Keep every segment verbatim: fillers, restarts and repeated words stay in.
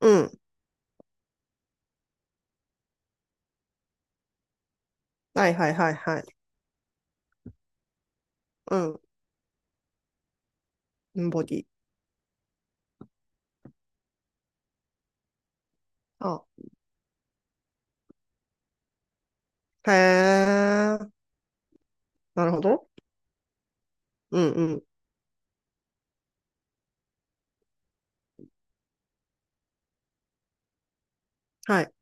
うん。はいはいはいはい。うん。ボディ。あ。へえ。なるほど。うんうん。はい。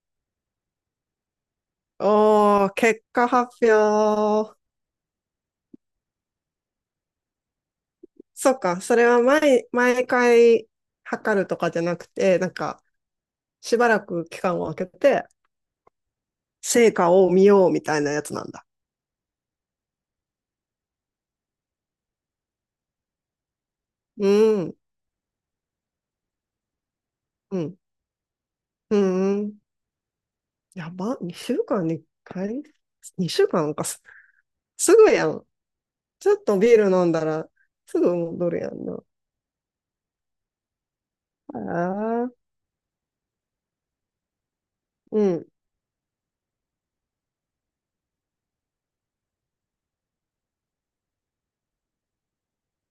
おー、結果発表。そっか。それは毎、毎回測るとかじゃなくて、なんか、しばらく期間を空けて、成果を見ようみたいなやつなんだ。うん。うん。うん。やば。にしゅうかんにいっかい？ に 週間なんかす、すぐやん。ちょっとビール飲んだら、すぐ戻るやんな。ああ。うん。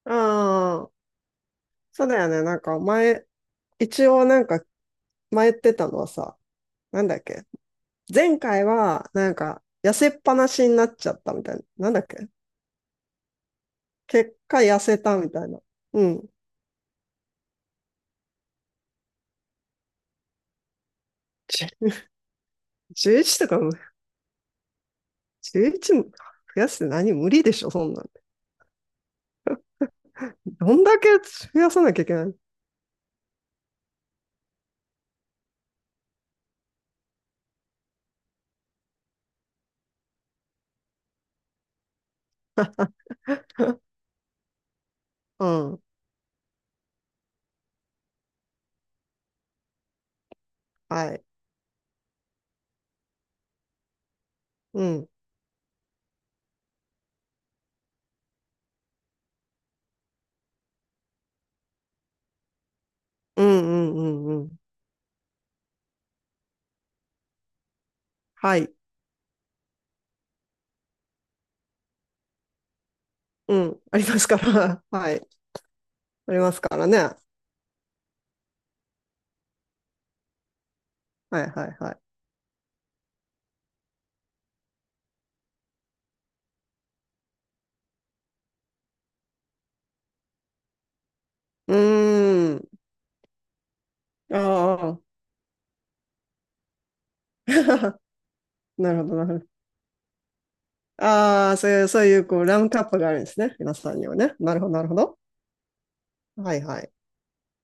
ああ、そうだよね。なんか前、一応なんか前言ってたのはさ、なんだっけ。前回はなんか痩せっぱなしになっちゃったみたいな。なんだっけ。結果痩せたみたいな。うん。じじゅういちとかも、じゅういちも増やすって何、無理でしょそんなん。どんだけ増やさなきゃいけないの。 うん。はい。うん。うんうんうんうん。はい。うん。ありますから。はい。ありますからね。はいはいはい。うーん。ああ。なるほど、なるほど。ああ、そういう、そういう、こう、ラムカップがあるんですね。皆さんにはね。なるほど、なるほど。はいはい。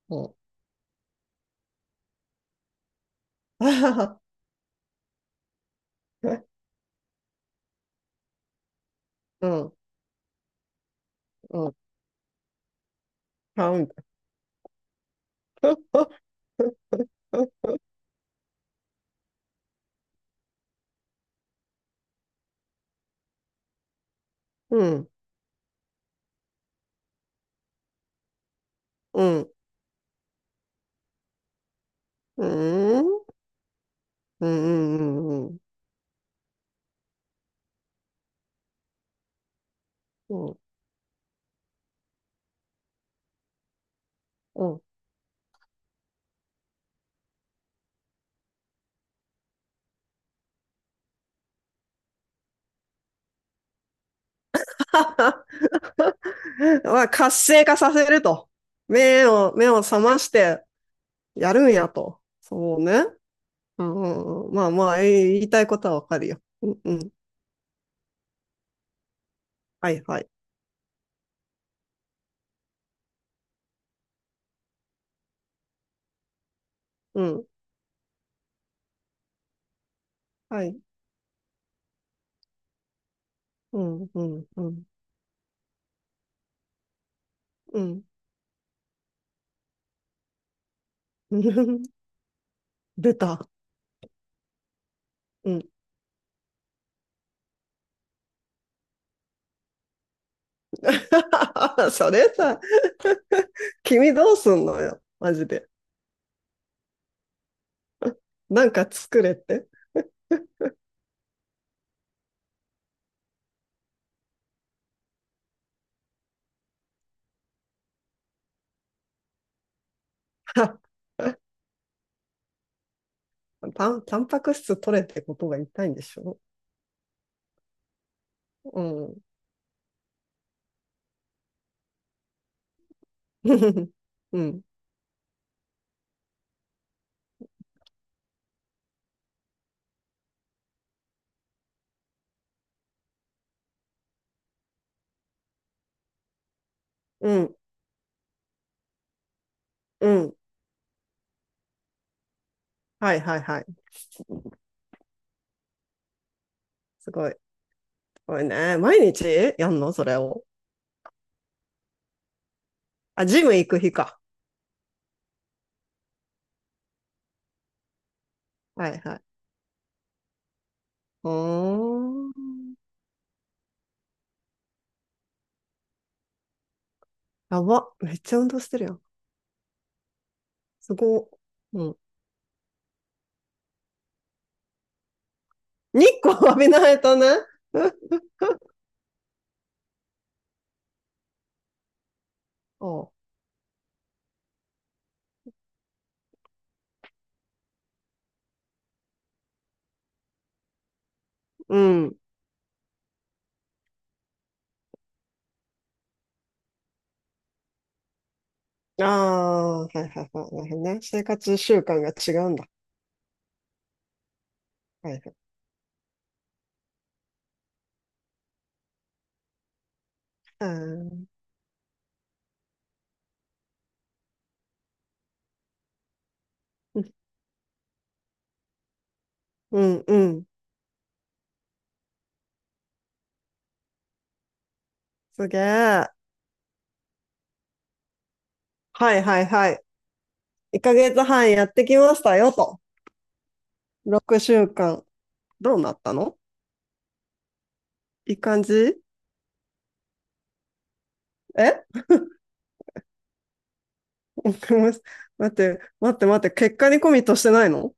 うん。あはは。うん、うん。買 うんだ。うん、うん、うん、うん、うん、うん、うん、うん。まあ、活性化させると。目を、目を覚ましてやるんやと。そうね。うん、うんうん、まあまあ、えー言いたいことはわかるよ。うん、うん。はい、はい。うん。はい。うん、うん、うん、うん。出た。うん。それさ、君どうすんのよ。マジで。なんか作れって。たん、タンパク質取れってことが言いたいんでしょ。うん。うん。うん。うん。はいはいはい。すごい。すごいね。毎日やんのそれを。あ、ジム行く日か。はいはい。うーん。やば。めっちゃ運動してるやん。すごい。うん。日光浴びないとね。そう。うん。ああ、はいはいはい。なるほどね。生活習慣が違うんだ。はいはい。あー。うんうん。すげえ。はいはいはい。いっかげつはんやってきましたよと。ろくしゅうかん。どうなったの？いい感じ？え、 待って、待って待って。結果にコミットしてないの？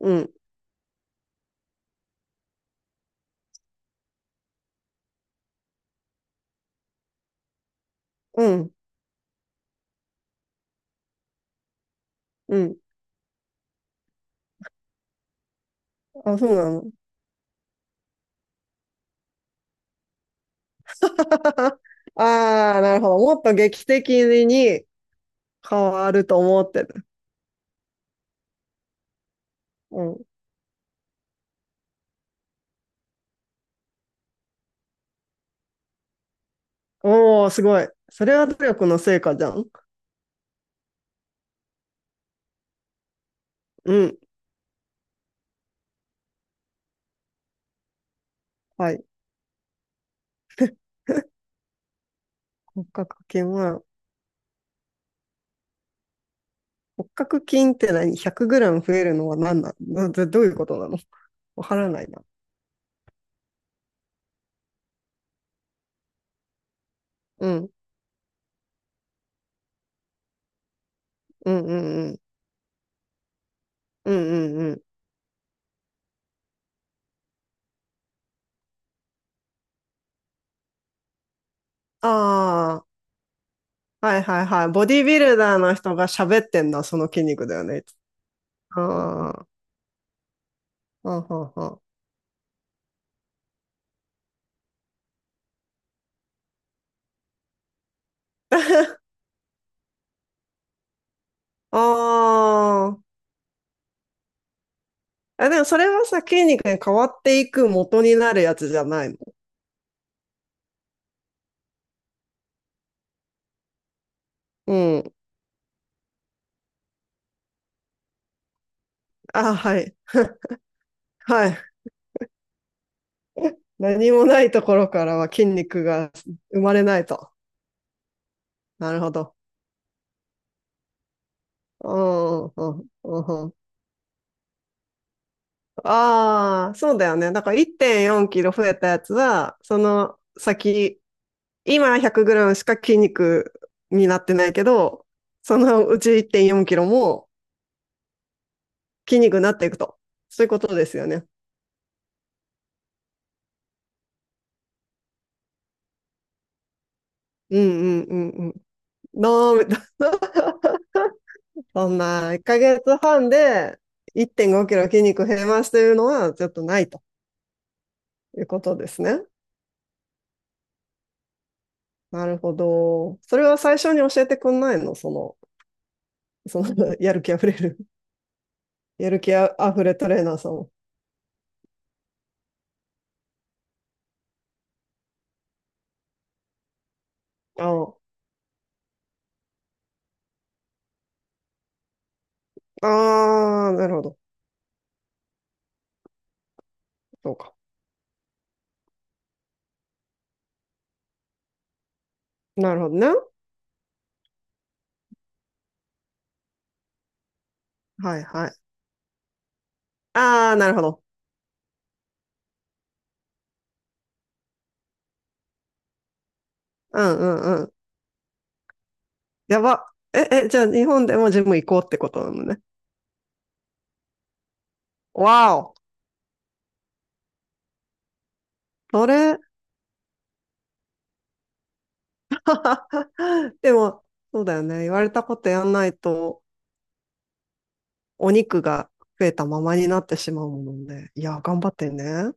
うん、うん、うん。あ、そうなの。ああ、なるほど。もっと劇的に変わると思ってる。うん。おー、すごい。それは努力の成果じゃん。うん。はい。骨格筋は、骨格筋って何？ ひゃく グラム増えるのは何なの？どどういうことなの？わからないな。うん。うんうんうん。うんうんうん。ああ、はいはいはい。ボディビルダーの人が喋ってんだ、その筋肉だよね。ああ、はんはんはん。あー。あ。でもそれはさ、筋肉に変わっていく元になるやつじゃないの。うん。あ、はい。はい。何もないところからは筋肉が生まれないと。なるほど。うんうんうんうん。ああ、そうだよね。だからいってんよんキロ増えたやつは、その先、今ひゃくグラムしか筋肉になってないけど、そのうちいってんよんキロも筋肉になっていくと。そういうことですよね。うんうんうんうん。なー。 そんないっかげつはんでいってんごキロ筋肉減りますというのはちょっとないということですね。なるほど。それは最初に教えてくんないの、その、その やる気あふれる やる気あふれトレーナーさんを。ああ、あー、なるほど。そうか。なるほどね。はいはい。ああ、なるほど。うんうんうん。やば。え、え、じゃあ日本でもジム行こうってことなのね。わお。それ、でも、そうだよね。言われたことやんないと、お肉が増えたままになってしまうもので、いや、頑張ってね。